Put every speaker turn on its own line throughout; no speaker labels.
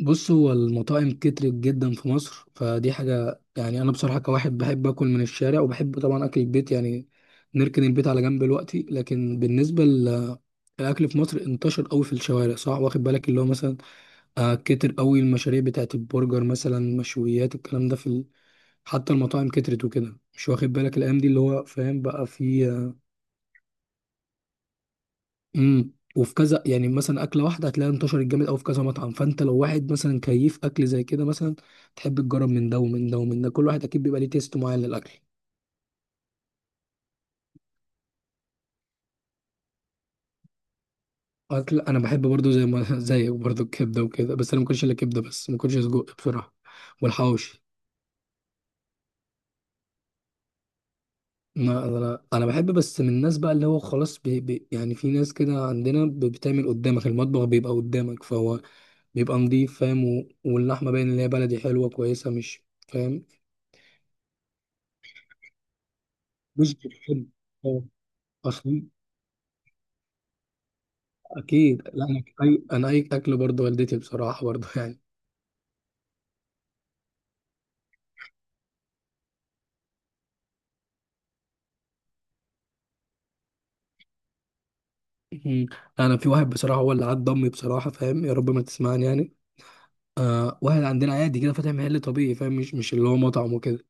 بص، هو المطاعم كترت جدا في مصر، فدي حاجة، يعني أنا بصراحة كواحد بحب أكل من الشارع وبحب طبعا أكل البيت. يعني نركن البيت على جنب دلوقتي، لكن بالنسبة للأكل في مصر انتشر قوي في الشوارع، صح؟ واخد بالك اللي هو مثلا كتر قوي المشاريع بتاعت البرجر، مثلا مشويات، الكلام ده في حتى المطاعم كترت وكده، مش واخد بالك الأيام دي؟ اللي هو فاهم بقى في، وفي كذا، يعني مثلا اكله واحده هتلاقيها انتشرت جامد، او في كذا مطعم. فانت لو واحد مثلا كيف اكل زي كده، مثلا تحب تجرب من ده ومن ده ومن ده، كل واحد اكيد بيبقى ليه تيست معين للاكل. اكل، انا بحب برضو زي ما زيك، برضو الكبده وكده، بس انا ما باكلش الا كبده، بس ما باكلش سجق بصراحه والحواوشي. ما انا بحب بس من الناس بقى، اللي هو خلاص بي بي يعني، في ناس كده عندنا بتعمل قدامك، المطبخ بيبقى قدامك، فهو بيبقى نضيف، فاهم؟ واللحمه باين ان هي بلدي حلوه كويسه، مش فاهم؟ مش بتحب؟ آه. اصلا، اكيد لا، انا اي اكل برضه والدتي بصراحه برضه يعني. مم. انا في واحد بصراحه هو اللي عض امي، بصراحه، فاهم؟ يا رب ما تسمعني يعني. واحد عندنا عادي كده فاتح محل طبيعي، فاهم؟ مش اللي هو مطعم وكده.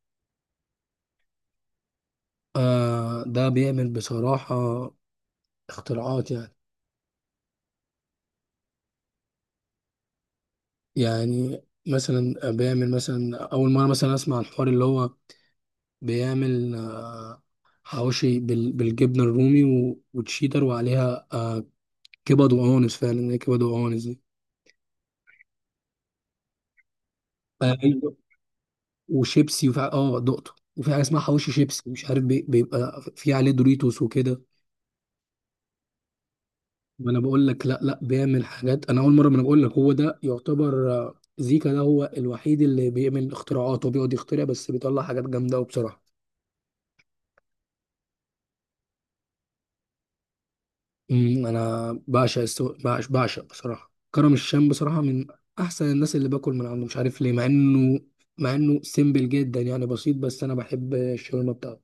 ده بيعمل بصراحه اختراعات، يعني مثلا، بيعمل مثلا اول مره، مثلا اسمع الحوار، اللي هو بيعمل حواوشي بالجبنه الرومي وتشيدر وعليها كبد وقوانص، فعلا هي كبد وقوانص. دي وشيبسي، وفي نقطه وفي حاجه اسمها حواوشي شيبسي، مش عارف بيبقى في عليه دوريتوس وكده. ما انا بقول لك، لا، لا، بيعمل حاجات انا اول مره، ما انا بقول لك هو ده يعتبر، زيكا، ده هو الوحيد اللي بيعمل اختراعات وبيقعد يخترع، بس بيطلع حاجات جامده قوي بصراحه. انا بعشق بعشق بصراحه كرم الشام، بصراحه من احسن الناس اللي باكل من عنده، مش عارف ليه، مع انه سيمبل جدا، يعني بسيط، بس انا بحب الشاورما بتاعته.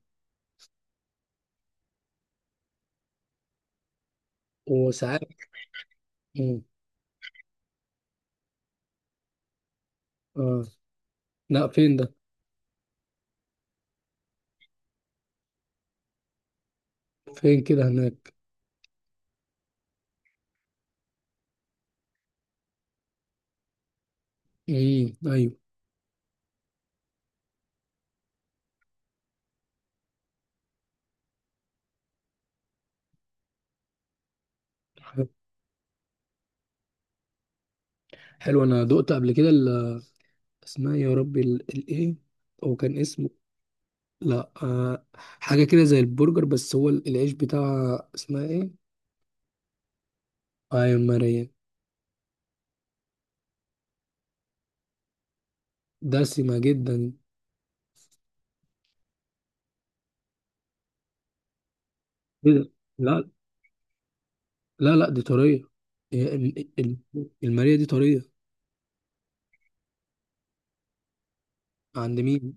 وساعات. امم، اه. لا، فين ده؟ فين كده، هناك؟ امم، ايوه. حلو. حلو، انا دقت قبل كده اسمها يا ربي، الايه، هو كان اسمه. لا، حاجه كده زي البرجر، بس هو العيش بتاعها اسمها ايه؟ ايوه، ماريا. دسمه جدا. إيه ده؟ لا، لا، لا، دي طريه، هي الماريا دي طريه. عند مين؟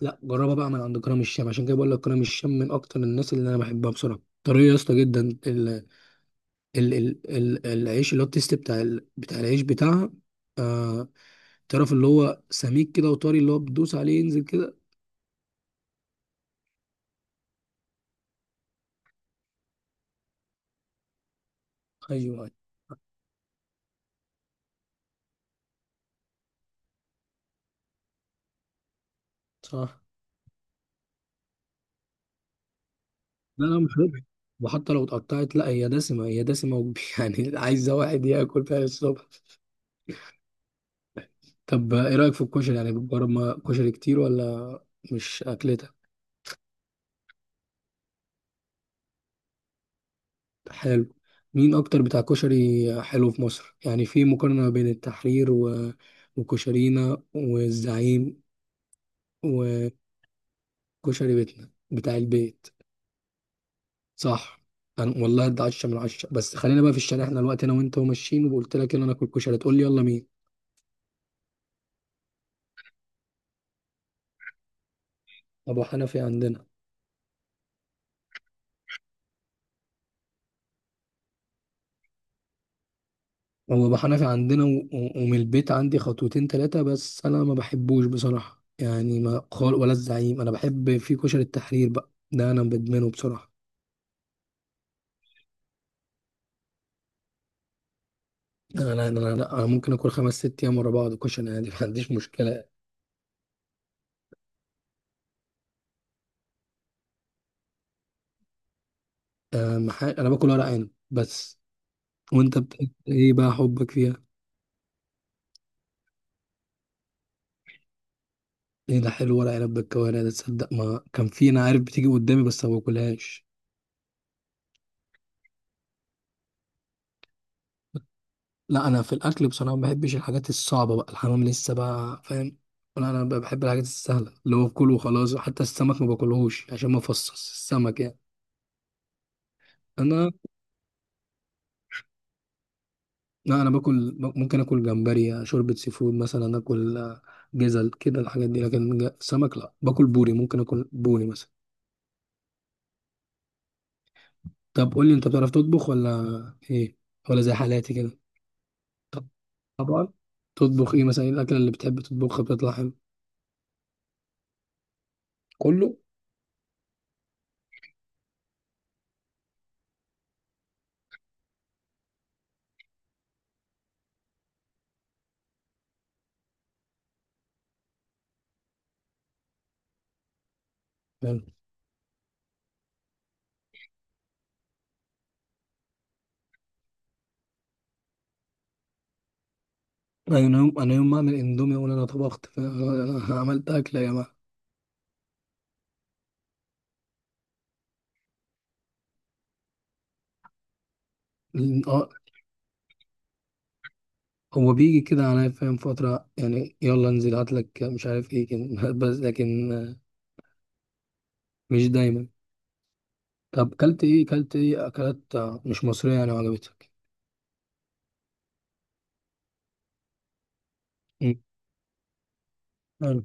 لا، جربها بقى من عند كرم الشام، عشان كده بقول لك كرم الشام من اكتر الناس اللي انا بحبها بصراحه، طريه يا اسطى جدا. ال ال ال ال العيش اللي هو التيست بتاع العيش بتاعها، آه، تعرف اللي هو سميك كده وطري، اللي هو بتدوس عليه ينزل كده. ايوه صح. لا، لا مش ربح، وحتى لو اتقطعت لا، هي دسمة، هي دسمة يعني عايزة واحد ياكل فيها الصبح. طب، ايه رأيك في الكشري؟ يعني بتجرب كشري كتير، ولا مش اكلتك؟ حلو. مين اكتر بتاع كشري حلو في مصر؟ يعني في مقارنة بين التحرير وكشرينا والزعيم وكشري بيتنا بتاع البيت، صح؟ انا والله ده 10/10. بس خلينا بقى في الشارع، احنا الوقت انا وانت وماشيين وقلت لك يلا ناكل كشري، تقول لي يلا مين؟ ابو حنفي عندنا. هو ابو حنفي عندنا ومن البيت عندي خطوتين ثلاثه، بس انا ما بحبوش بصراحه، يعني ما خال ولا الزعيم. انا بحب في كشري التحرير، بقى ده انا بدمنه بصراحه. انا، لا، أنا ممكن اكل خمس ست ايام ورا بعض كشري عادي ما عنديش مشكله. أه، انا باكل ورق عنب بس. وانت ايه بقى حبك فيها؟ ايه ده حلو، ورق عنب بالكوارع، ده تصدق ما كان في، انا عارف بتيجي قدامي بس ما باكلهاش. لا انا في الاكل بصراحه ما بحبش الحاجات الصعبه بقى، الحمام لسه بقى، فاهم؟ ولا انا بقى بحب الحاجات السهله اللي هو كله وخلاص، حتى السمك ما باكلهوش عشان ما افصص السمك يعني. انا، لا، انا باكل، ممكن اكل جمبري شوربه سي فود، مثلا اكل جزل كده الحاجات دي، لكن سمك. لا، باكل بوري، ممكن اكل بوري مثلا. طب قول لي، انت بتعرف تطبخ؟ ولا ايه؟ ولا زي حالاتي كده؟ طبعا. تطبخ ايه مثلا؟ ايه الاكله اللي بتحب تطبخها بتطلع حلو؟ كله. حلو. انا يوم ما اعمل اندومي اقول انا طبخت، عملت اكله يا جماعه. اه. هو بيجي كده عليا، فاهم؟ فتره يعني يلا انزل هات لك مش عارف ايه كده بس لكن مش دايما. طب، كلت ايه اكلات مش مصريه يعني وعجبتك؟ مم. حلو.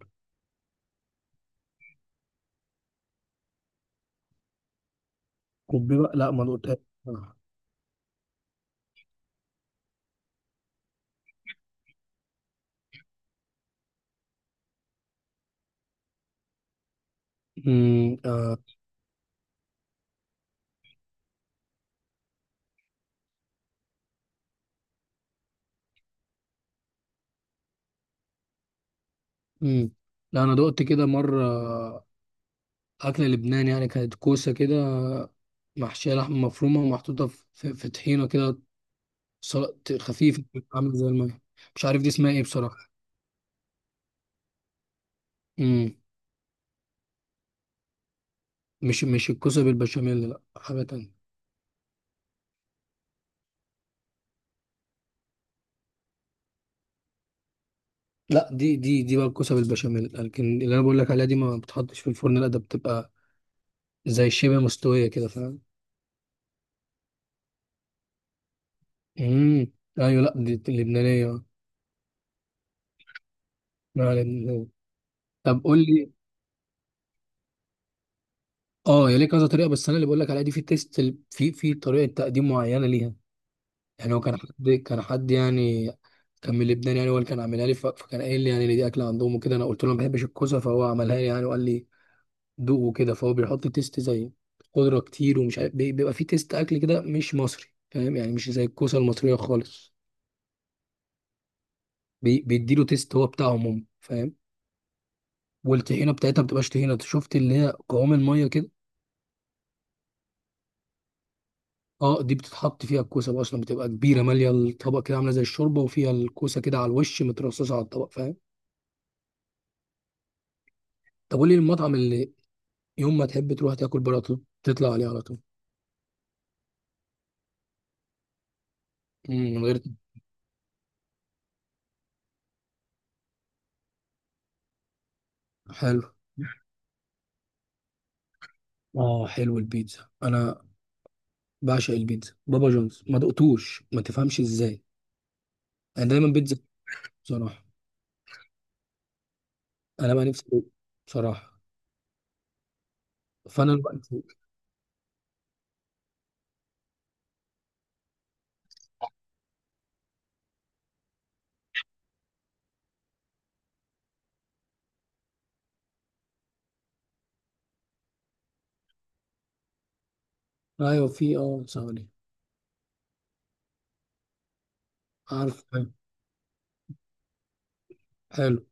كوبي بقى لا، ما دقتهاش بصراحة. مم، آه، مم. لا، انا دقت كده مره، أكل لبنان، يعني كانت كوسة كده، محشية لحمة مفرومة ومحطوطة في طحينة كده، سلطة خفيفة، عاملة زي المية. مش عارف دي اسمها ايه بصراحة. مم. مش الكوسة بالبشاميل، لا حاجة تانية. لا، دي بقى الكوسة بالبشاميل، لكن اللي أنا بقول لك عليها دي ما بتحطش في الفرن، لا ده بتبقى زي شبه مستوية كده، فاهم؟ امم، أيوة. لا دي اللبنانية، آه. لا، لبنانية. طب قول لي، اه هي ليه كذا طريقة؟ بس أنا اللي بقول لك عليها دي في تيست، في طريقة تقديم معينة ليها. يعني هو كان حد يعني كان من لبنان، يعني هو اللي كان عاملها لي، فكان قايل لي يعني إن دي اكله عندهم وكده. انا قلت له ما بحبش الكوسه، فهو عملها لي يعني وقال لي دوق وكده. فهو بيحط تيست زي خضره كتير، ومش عارف بيبقى فيه تيست اكل كده مش مصري، فاهم؟ يعني مش زي الكوسه المصريه خالص، بيديله تيست هو بتاعهم هم، فاهم؟ والطحينه بتاعتها ما بتبقاش طحينه، شفت؟ اللي هي قوام الميه كده، اه، دي بتتحط فيها الكوسه بقى اصلا، بتبقى كبيره ماليه الطبق كده عامله زي الشوربه، وفيها الكوسه كده على الوش مترصصه على الطبق، فاهم؟ طب قول لي، المطعم اللي يوم ما تحب تروح تاكل بره على طول تطلع عليه على طول؟ مم، من غير. حلو. اه حلو، البيتزا انا بعشق البيتزا. بابا جونز ما دقتوش، ما تفهمش ازاي، انا دايما بيتزا بصراحه. انا بقى نفسي أدوق بصراحه، فانا دلوقتي ايوه، في ثواني. عارف حلو. حلو.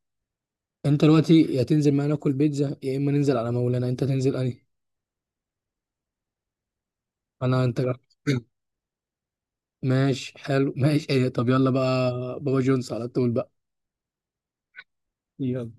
انت دلوقتي، يا تنزل معانا ناكل بيتزا، يا اما ننزل على مولانا، انت تنزل انهي؟ انا انت جربت. ماشي حلو، ماشي ايه، طب يلا بقى، بابا جونز على طول بقى. يلا.